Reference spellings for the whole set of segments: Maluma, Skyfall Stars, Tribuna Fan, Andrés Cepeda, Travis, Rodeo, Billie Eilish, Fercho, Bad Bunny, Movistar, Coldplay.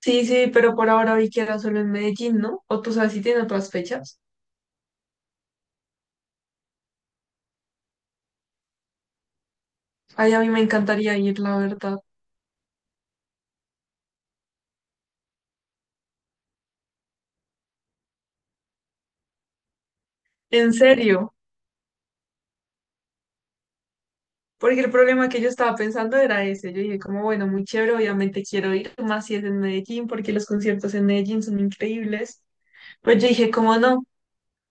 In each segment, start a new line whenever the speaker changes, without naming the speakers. Sí, sí, pero por ahora vi que era solo en Medellín, ¿no? O tú sabes si tiene otras fechas. Ay, a mí me encantaría ir, la verdad. En serio, porque el problema que yo estaba pensando era ese. Yo dije, como bueno, muy chévere, obviamente quiero ir, más si es en Medellín, porque los conciertos en Medellín son increíbles. Pues yo dije, como no?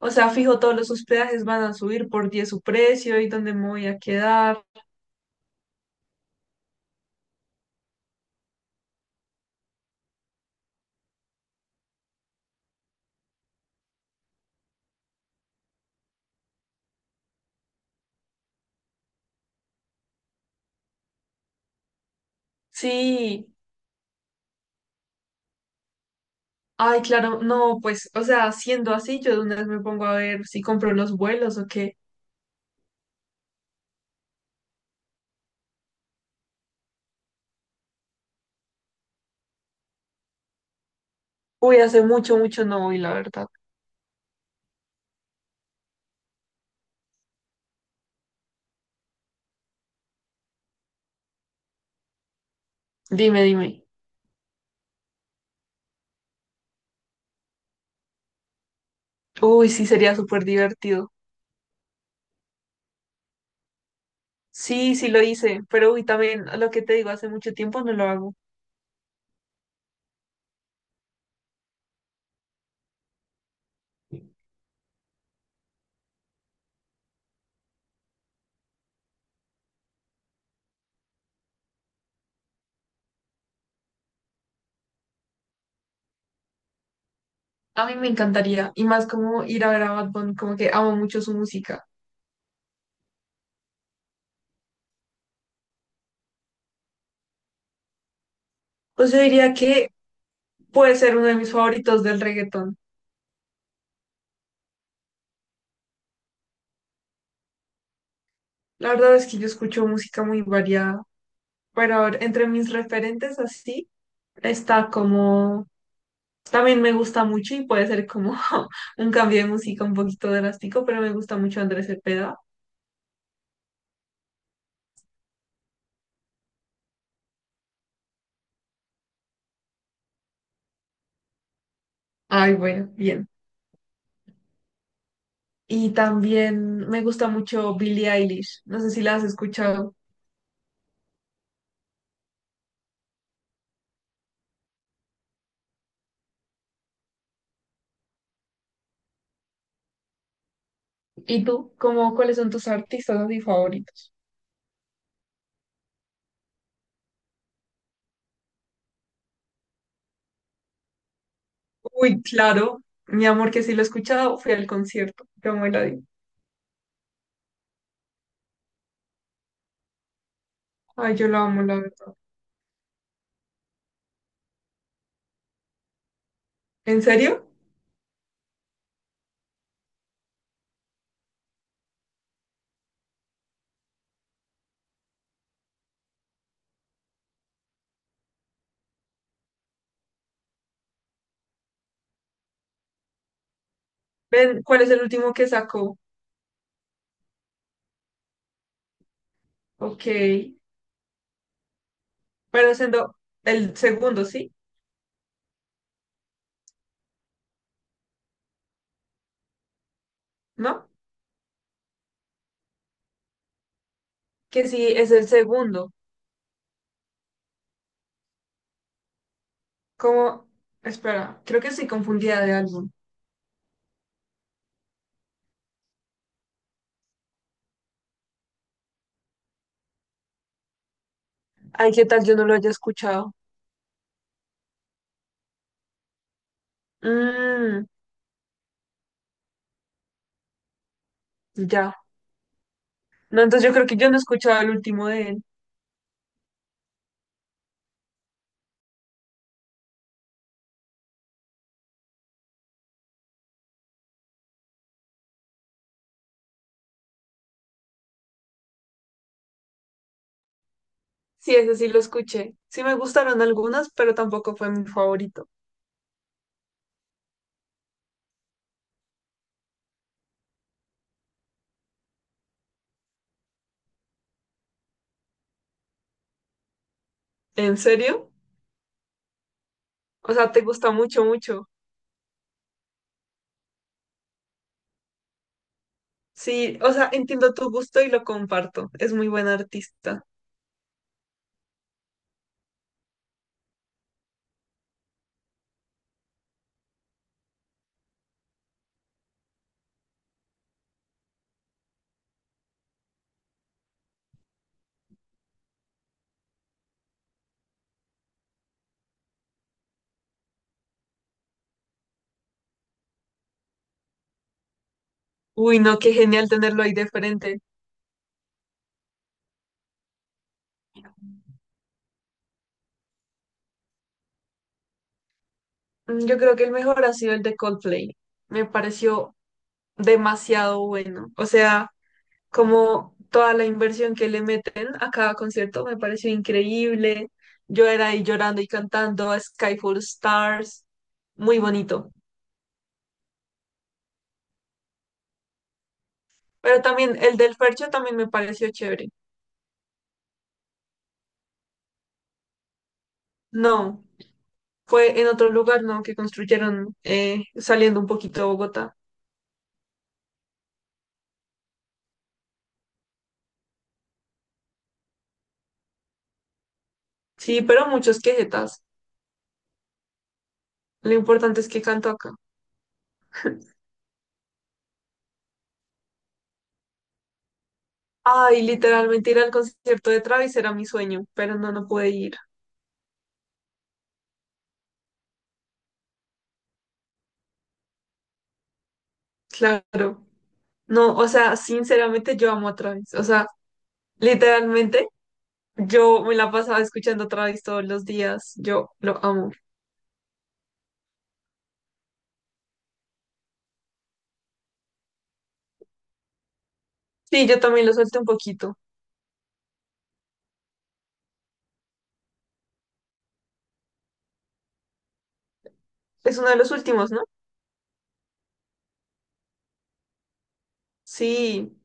O sea, fijo, todos los hospedajes van a subir por 10 su precio y dónde me voy a quedar. Sí, ay, claro, no, pues, o sea, siendo así, yo de una vez me pongo a ver si compro los vuelos o qué. Uy, hace mucho, mucho no voy, la verdad. Dime, dime. Uy, sí, sería súper divertido. Sí, sí lo hice, pero uy, también lo que te digo, hace mucho tiempo no lo hago. A mí me encantaría, y más como ir a ver a Bad Bunny, como que amo mucho su música. Pues yo diría que puede ser uno de mis favoritos del reggaetón. La verdad es que yo escucho música muy variada, pero a ver, entre mis referentes así está como... También me gusta mucho y puede ser como un cambio de música un poquito drástico, pero me gusta mucho Andrés Cepeda. Ay, bueno, bien. Y también me gusta mucho Billie Eilish. No sé si la has escuchado. ¿Y tú? ¿Cómo, cuáles son tus artistas así favoritos? Uy, claro. Mi amor, que sí lo he escuchado, fui al concierto. Yo me la di. Ay, yo la amo, la verdad. ¿En serio? Ven, ¿cuál es el último que sacó? Ok. Pero siendo el segundo, ¿sí? ¿No? Que sí, es el segundo. ¿Cómo? Espera, creo que sí confundida de álbum. Ay, ¿qué tal yo no lo haya escuchado? Mmm, ya. No, entonces yo creo que yo no he escuchado el último de él. Sí, ese sí lo escuché. Sí me gustaron algunas, pero tampoco fue mi favorito. ¿En serio? O sea, te gusta mucho, mucho. Sí, o sea, entiendo tu gusto y lo comparto. Es muy buen artista. Uy, no, qué genial tenerlo ahí de frente. Mm, yo creo que el mejor ha sido el de Coldplay. Me pareció demasiado bueno. O sea, como toda la inversión que le meten a cada concierto me pareció increíble. Yo era ahí llorando y cantando a Skyfall Stars, muy bonito. Pero también el del Fercho también me pareció chévere. No, fue en otro lugar, ¿no? Que construyeron saliendo un poquito de Bogotá. Sí, pero muchos quejetas. Lo importante es que canto acá. Ay, literalmente ir al concierto de Travis era mi sueño, pero no, no pude ir. Claro. No, o sea, sinceramente yo amo a Travis. O sea, literalmente, yo me la pasaba escuchando Travis todos los días. Yo lo amo. Sí, yo también lo suelto un poquito. Es uno de los últimos, ¿no? Sí,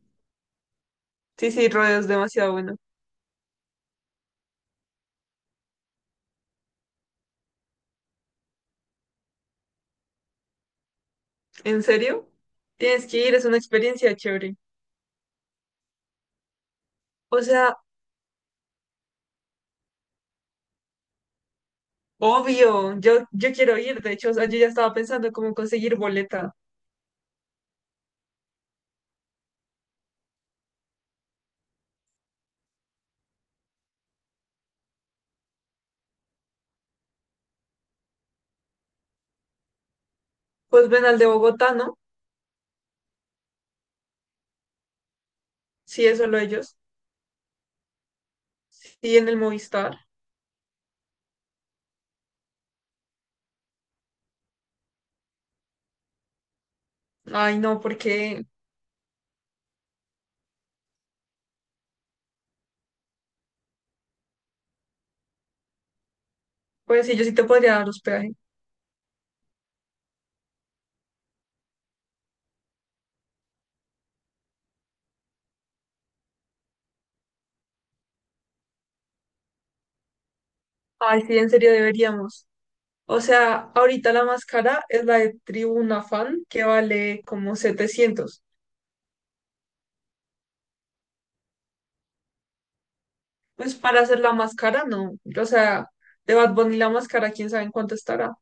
sí, sí, Rodeo es demasiado bueno. ¿En serio? Tienes que ir, es una experiencia chévere. O sea, obvio, yo quiero ir. De hecho, o sea, yo ya estaba pensando cómo conseguir boleta. Pues ven al de Bogotá, ¿no? Sí, es solo ellos. Sí, en el Movistar. Ay, no, porque, pues sí, yo sí te podría dar hospedaje. Ay, sí, en serio deberíamos. O sea, ahorita la más cara es la de Tribuna Fan, que vale como 700. Pues para hacer la más cara, no. O sea, de Bad Bunny la más cara, quién sabe en cuánto estará.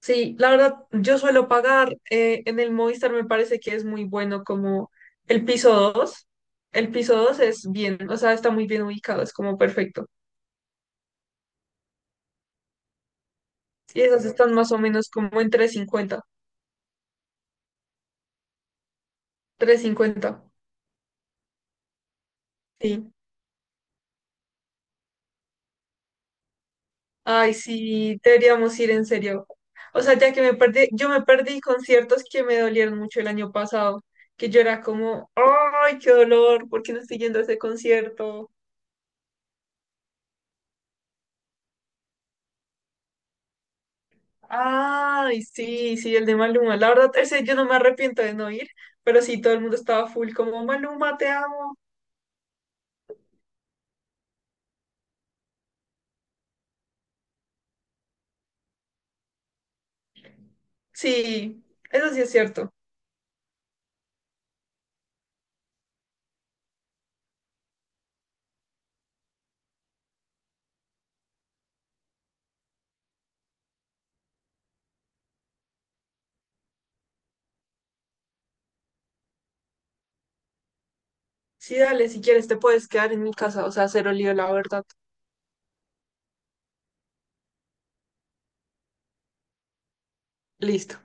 Sí, la verdad, yo suelo pagar en el Movistar, me parece que es muy bueno como el piso 2. El piso 2 es bien, o sea, está muy bien ubicado, es como perfecto. Y esas están más o menos como en 350. Cincuenta. Trescientos cincuenta, sí. Ay, sí, deberíamos ir en serio. O sea, ya que me perdí, yo me perdí conciertos que me dolieron mucho el año pasado, que yo era como, ay, qué dolor, ¿por qué no estoy yendo a ese concierto? Ay, sí, sí, el de Maluma. La verdad, ese yo no me arrepiento de no ir, pero sí, todo el mundo estaba full como, Maluma, te amo. Sí, eso sí es cierto. Sí, dale, si quieres, te puedes quedar en mi casa, o sea, cero lío, la verdad. Listo.